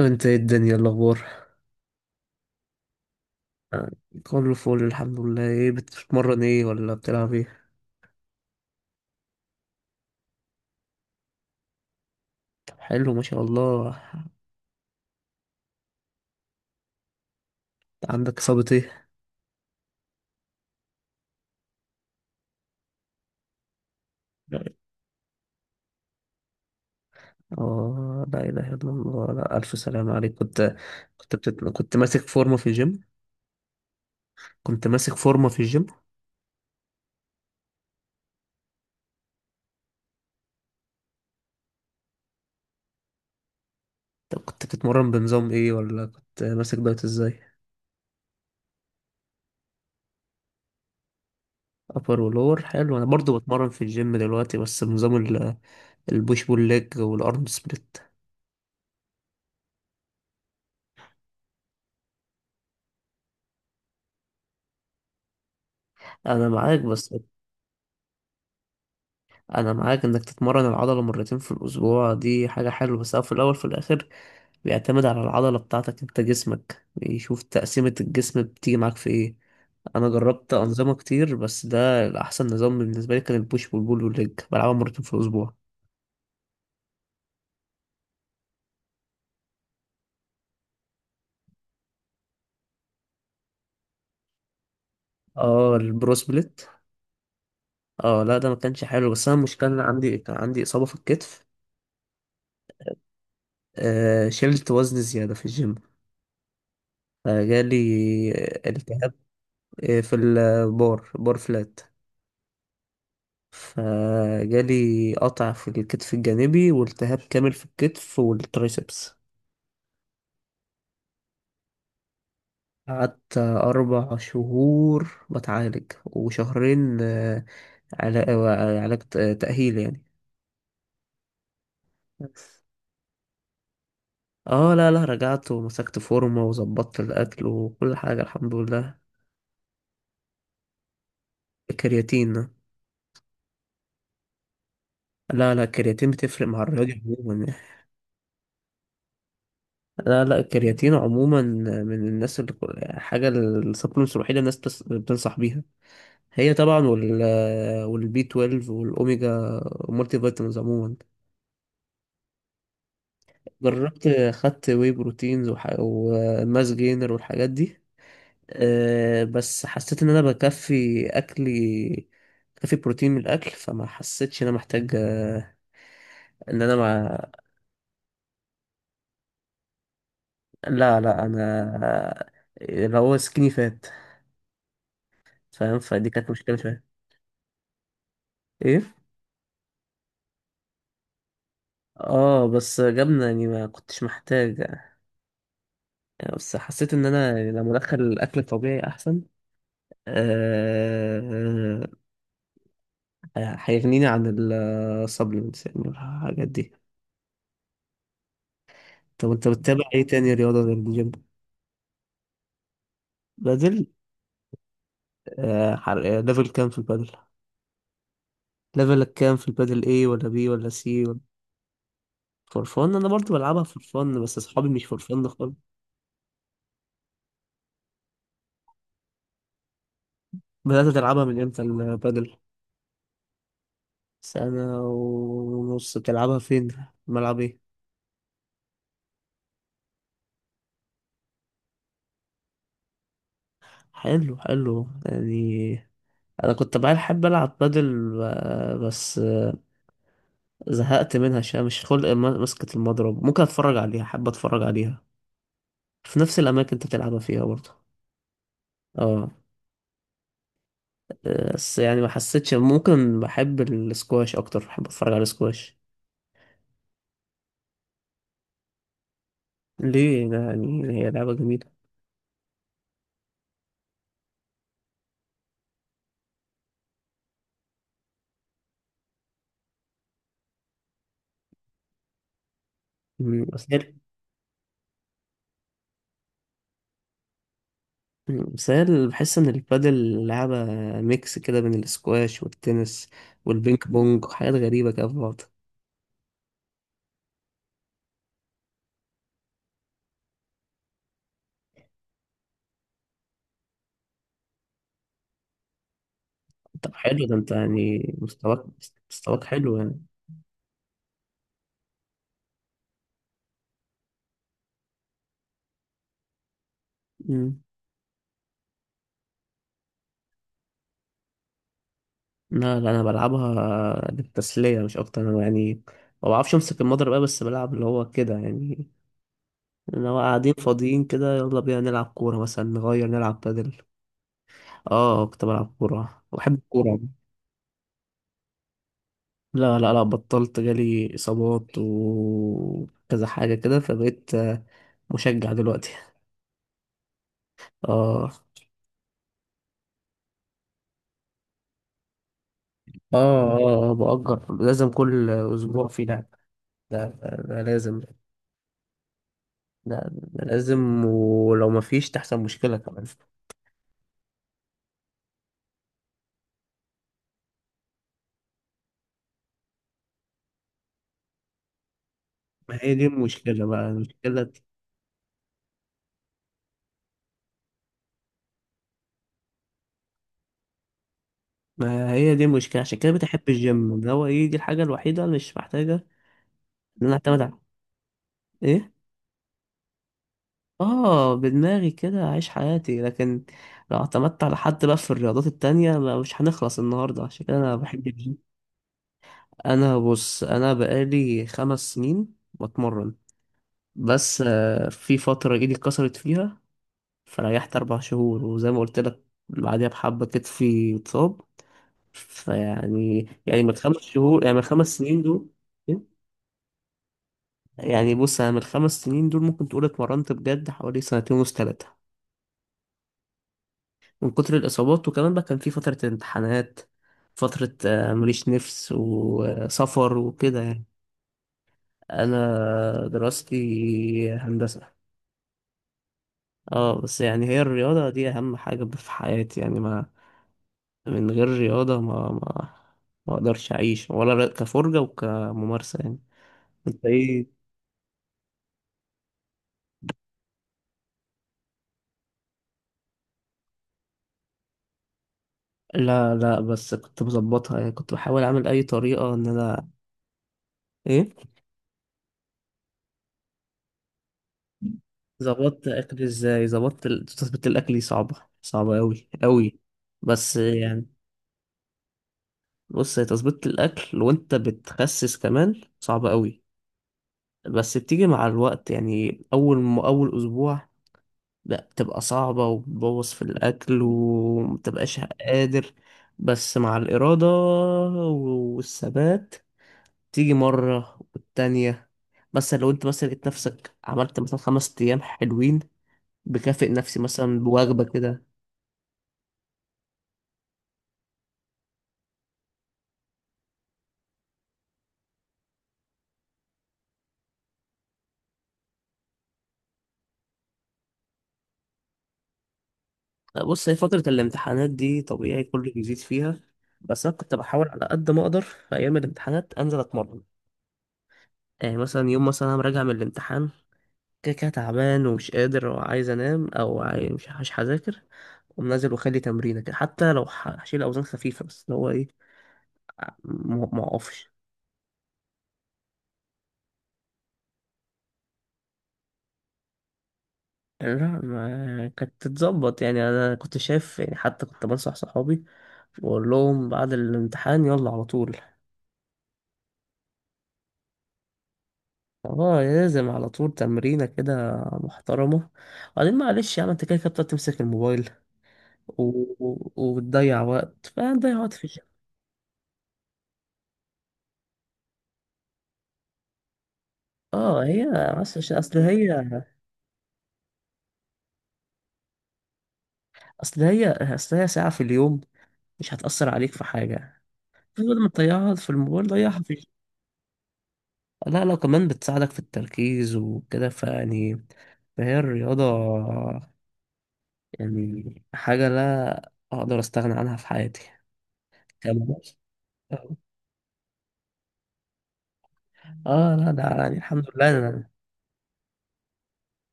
انت ايه الدنيا الاخبار؟ آه، كله فول الحمد لله. ايه بتتمرن ايه ولا بتلعب ايه؟ طب حلو ما شاء الله. عندك اصابة ايه؟ لا. اه لا اله الا الله، لا الف سلام عليك. كنت ماسك فورمة في الجيم. كنت ماسك فورمة في الجيم. طب كنت بتتمرن بنظام ايه ولا كنت ماسك دايت ازاي؟ ابر ولور حلو. انا برضو بتمرن في الجيم دلوقتي، بس بنظام البوش بول ليج والارم سبليت. انا معاك، بس انا معاك انك تتمرن العضله مرتين في الاسبوع، دي حاجه حلوه. بس هو في الاول في الاخر بيعتمد على العضله بتاعتك، انت جسمك يشوف تقسيمه الجسم بتيجي معاك في ايه. انا جربت انظمه كتير، بس ده الاحسن نظام بالنسبه لي كان البوش والبول والليج بلعبها مرتين في الاسبوع. اه البرو سبليت. اه لا ده ما كانش حلو. بس انا المشكله إن انا كان عندي اصابه في الكتف. آه شلت وزن زياده في الجيم، فجالي التهاب. في البار بار فلات. فجالي قطع في الكتف الجانبي والتهاب كامل في الكتف والترايسبس. قعدت أربع شهور بتعالج وشهرين، علاج تأهيل يعني. اه لا لا، رجعت ومسكت فورمة وظبطت الأكل وكل حاجة الحمد لله. الكرياتين. لا لا الكرياتين بتفرق مع الرياضي عموما يعني. لا لا الكرياتين عموما من الناس اللي حاجة السبلمنتس الوحيدة الناس بتنصح بيها. هي طبعا، والبي 12 والاوميجا والمالتي فيتامينز عموما. جربت، خدت واي بروتينز وماس جينر والحاجات دي. أه بس حسيت ان انا بكفي اكلي، بكفي بروتين من الاكل، فما حسيتش ان انا محتاج. آه، ان انا مع... لا لا انا آه، اللي هو سكيني فات، فاهم؟ فدي كانت مشكلة شوية. ايه اه بس جبنة يعني، ما كنتش محتاج يعني. بس حسيت ان انا لما ادخل الاكل الطبيعي احسن، آه، هيغنيني عن السبلمنتس يعني، الحاجات دي. طب انت بتتابع ايه تاني، رياضة غير الجيم؟ بادل. ليفل كام في البادل؟ ليفلك كام في البادل، ايه ولا بي ولا سي ولا؟ فور فن. انا برضو بلعبها فور فن، بس اصحابي مش فور فن خالص. بدأت تلعبها من امتى البادل؟ سنة ونص. بتلعبها فين؟ ملعب ايه؟ حلو حلو يعني. انا كنت بقى احب العب بادل، بس زهقت منها شوية. مش خلق مسكة المضرب. ممكن اتفرج عليها، حابة اتفرج عليها. في نفس الاماكن انت بتلعبها فيها برضه. اه بس يعني ما حسيتش. ممكن بحب السكواش اكتر، بحب اتفرج على السكواش. ليه ده؟ يعني هي لعبة جميلة. مم، بس هي بس بحس ان البادل لعبة ميكس كده بين السكواش والتنس والبينج بونج وحاجات غريبة كده في بعض. طب حلو ده، انت يعني مستواك، مستواك حلو يعني. مم. لا لا انا بلعبها للتسليه مش اكتر. انا يعني ما بعرفش امسك المضرب بقى، بس بلعب اللي هو كده يعني. انا قاعدين فاضيين كده يلا بينا نلعب كوره، مثلا نغير نلعب بادل. اه كنت بلعب كوره، بحب الكوره. لا لا لا بطلت، جالي اصابات وكذا حاجه كده، فبقيت مشجع دلوقتي. اه اه اه. بأجر، لازم كل اسبوع في لعب. ده لازم. ده لازم، ولو ما فيش تحصل مشكله كمان. ما هي دي المشكلة بقى، المشكلة. ما هي دي المشكلة، عشان كده بتحب الجيم اللي هو ايه، دي الحاجة الوحيدة اللي مش محتاجة ان انا اعتمد على ايه. اه بدماغي كده اعيش حياتي. لكن لو اعتمدت على حد بقى في الرياضات التانية، مش هنخلص النهاردة، عشان كده انا بحب الجيم. بص انا بقالي خمس سنين بتمرن، بس في فترة ايدي اتكسرت فيها، فريحت اربع شهور، وزي ما قلت لك بعدها بحبة كتفي اتصاب. يعني من الخمس شهور، يعني من الخمس سنين دول. يعني بص انا من الخمس سنين دول ممكن تقول اتمرنت بجد حوالي سنتين ونص تلاتة، من كتر الاصابات. وكمان بقى كان في فترة امتحانات، فترة مليش نفس وسفر وكده يعني. انا دراستي هندسة. اه بس يعني هي الرياضة دي اهم حاجة في حياتي يعني. ما من غير رياضة ما ما اقدرش اعيش، ولا كفرجة وكممارسة يعني. انت ايه؟ لا لا بس كنت مظبطها يعني، كنت بحاول اعمل اي طريقه ان انا. ايه، ظبطت اكلي ازاي. تظبيط الاكل دي صعبه، صعبه قوي قوي. بس يعني، بص هي تظبيط الاكل وانت بتخسس كمان صعبه قوي. بس بتيجي مع الوقت يعني. اول اسبوع لا بتبقى صعبه، وبتبوظ في الاكل ومتبقاش قادر. بس مع الاراده والثبات تيجي مرة والتانية. مثلا لو انت مثلا لقيت نفسك عملت مثلا خمس ست أيام حلوين، بكافئ نفسي مثلا بوجبة كده. بص هي فترة الامتحانات دي طبيعي كله بيزيد فيها. بس أنا كنت بحاول على قد ما أقدر في أيام الامتحانات أنزل أتمرن. يعني مثلا يوم مثلا أنا راجع من الامتحان، كده كده تعبان ومش قادر وعايز أنام، أو مش هذاكر، أقوم نازل وأخلي تمرينة كده. حتى لو هشيل أوزان خفيفة بس، اللي هو إيه، ما أقفش. لا ما كانت تتظبط يعني، انا كنت شايف يعني، حتى كنت بنصح صحابي واقول لهم بعد الامتحان يلا على طول. اه لازم على طول تمرينة كده محترمة. وبعدين معلش يا عم انت كده كده بتقعد تمسك الموبايل و... و- وبتضيع وقت، فهتضيع وقت في الجيم. اه هي، بس عشان- اصل هي اصل هي اصل هي ساعة في اليوم، مش هتأثر عليك في حاجة. بدل ما تضيعها في الموبايل ضيعها في الجيم. لا لا كمان بتساعدك في التركيز وكده، فيعني فهي الرياضة يعني حاجة لا أقدر أستغنى عنها في حياتي كمان. آه. لا ده يعني الحمد لله أنا.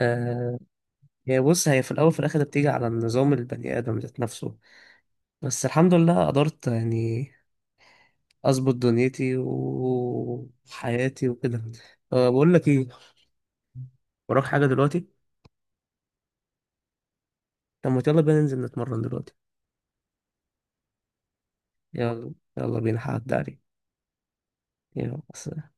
آه هي في الأول في الآخر بتيجي على النظام، البني آدم ذات نفسه. بس الحمد لله قدرت يعني أظبط دنيتي وحياتي وكده. آه بقول لك إيه، وراك حاجة دلوقتي؟ طب ما يلا بينا ننزل نتمرن دلوقتي. يلا يلا بينا هعدي عليك. يلا سلام.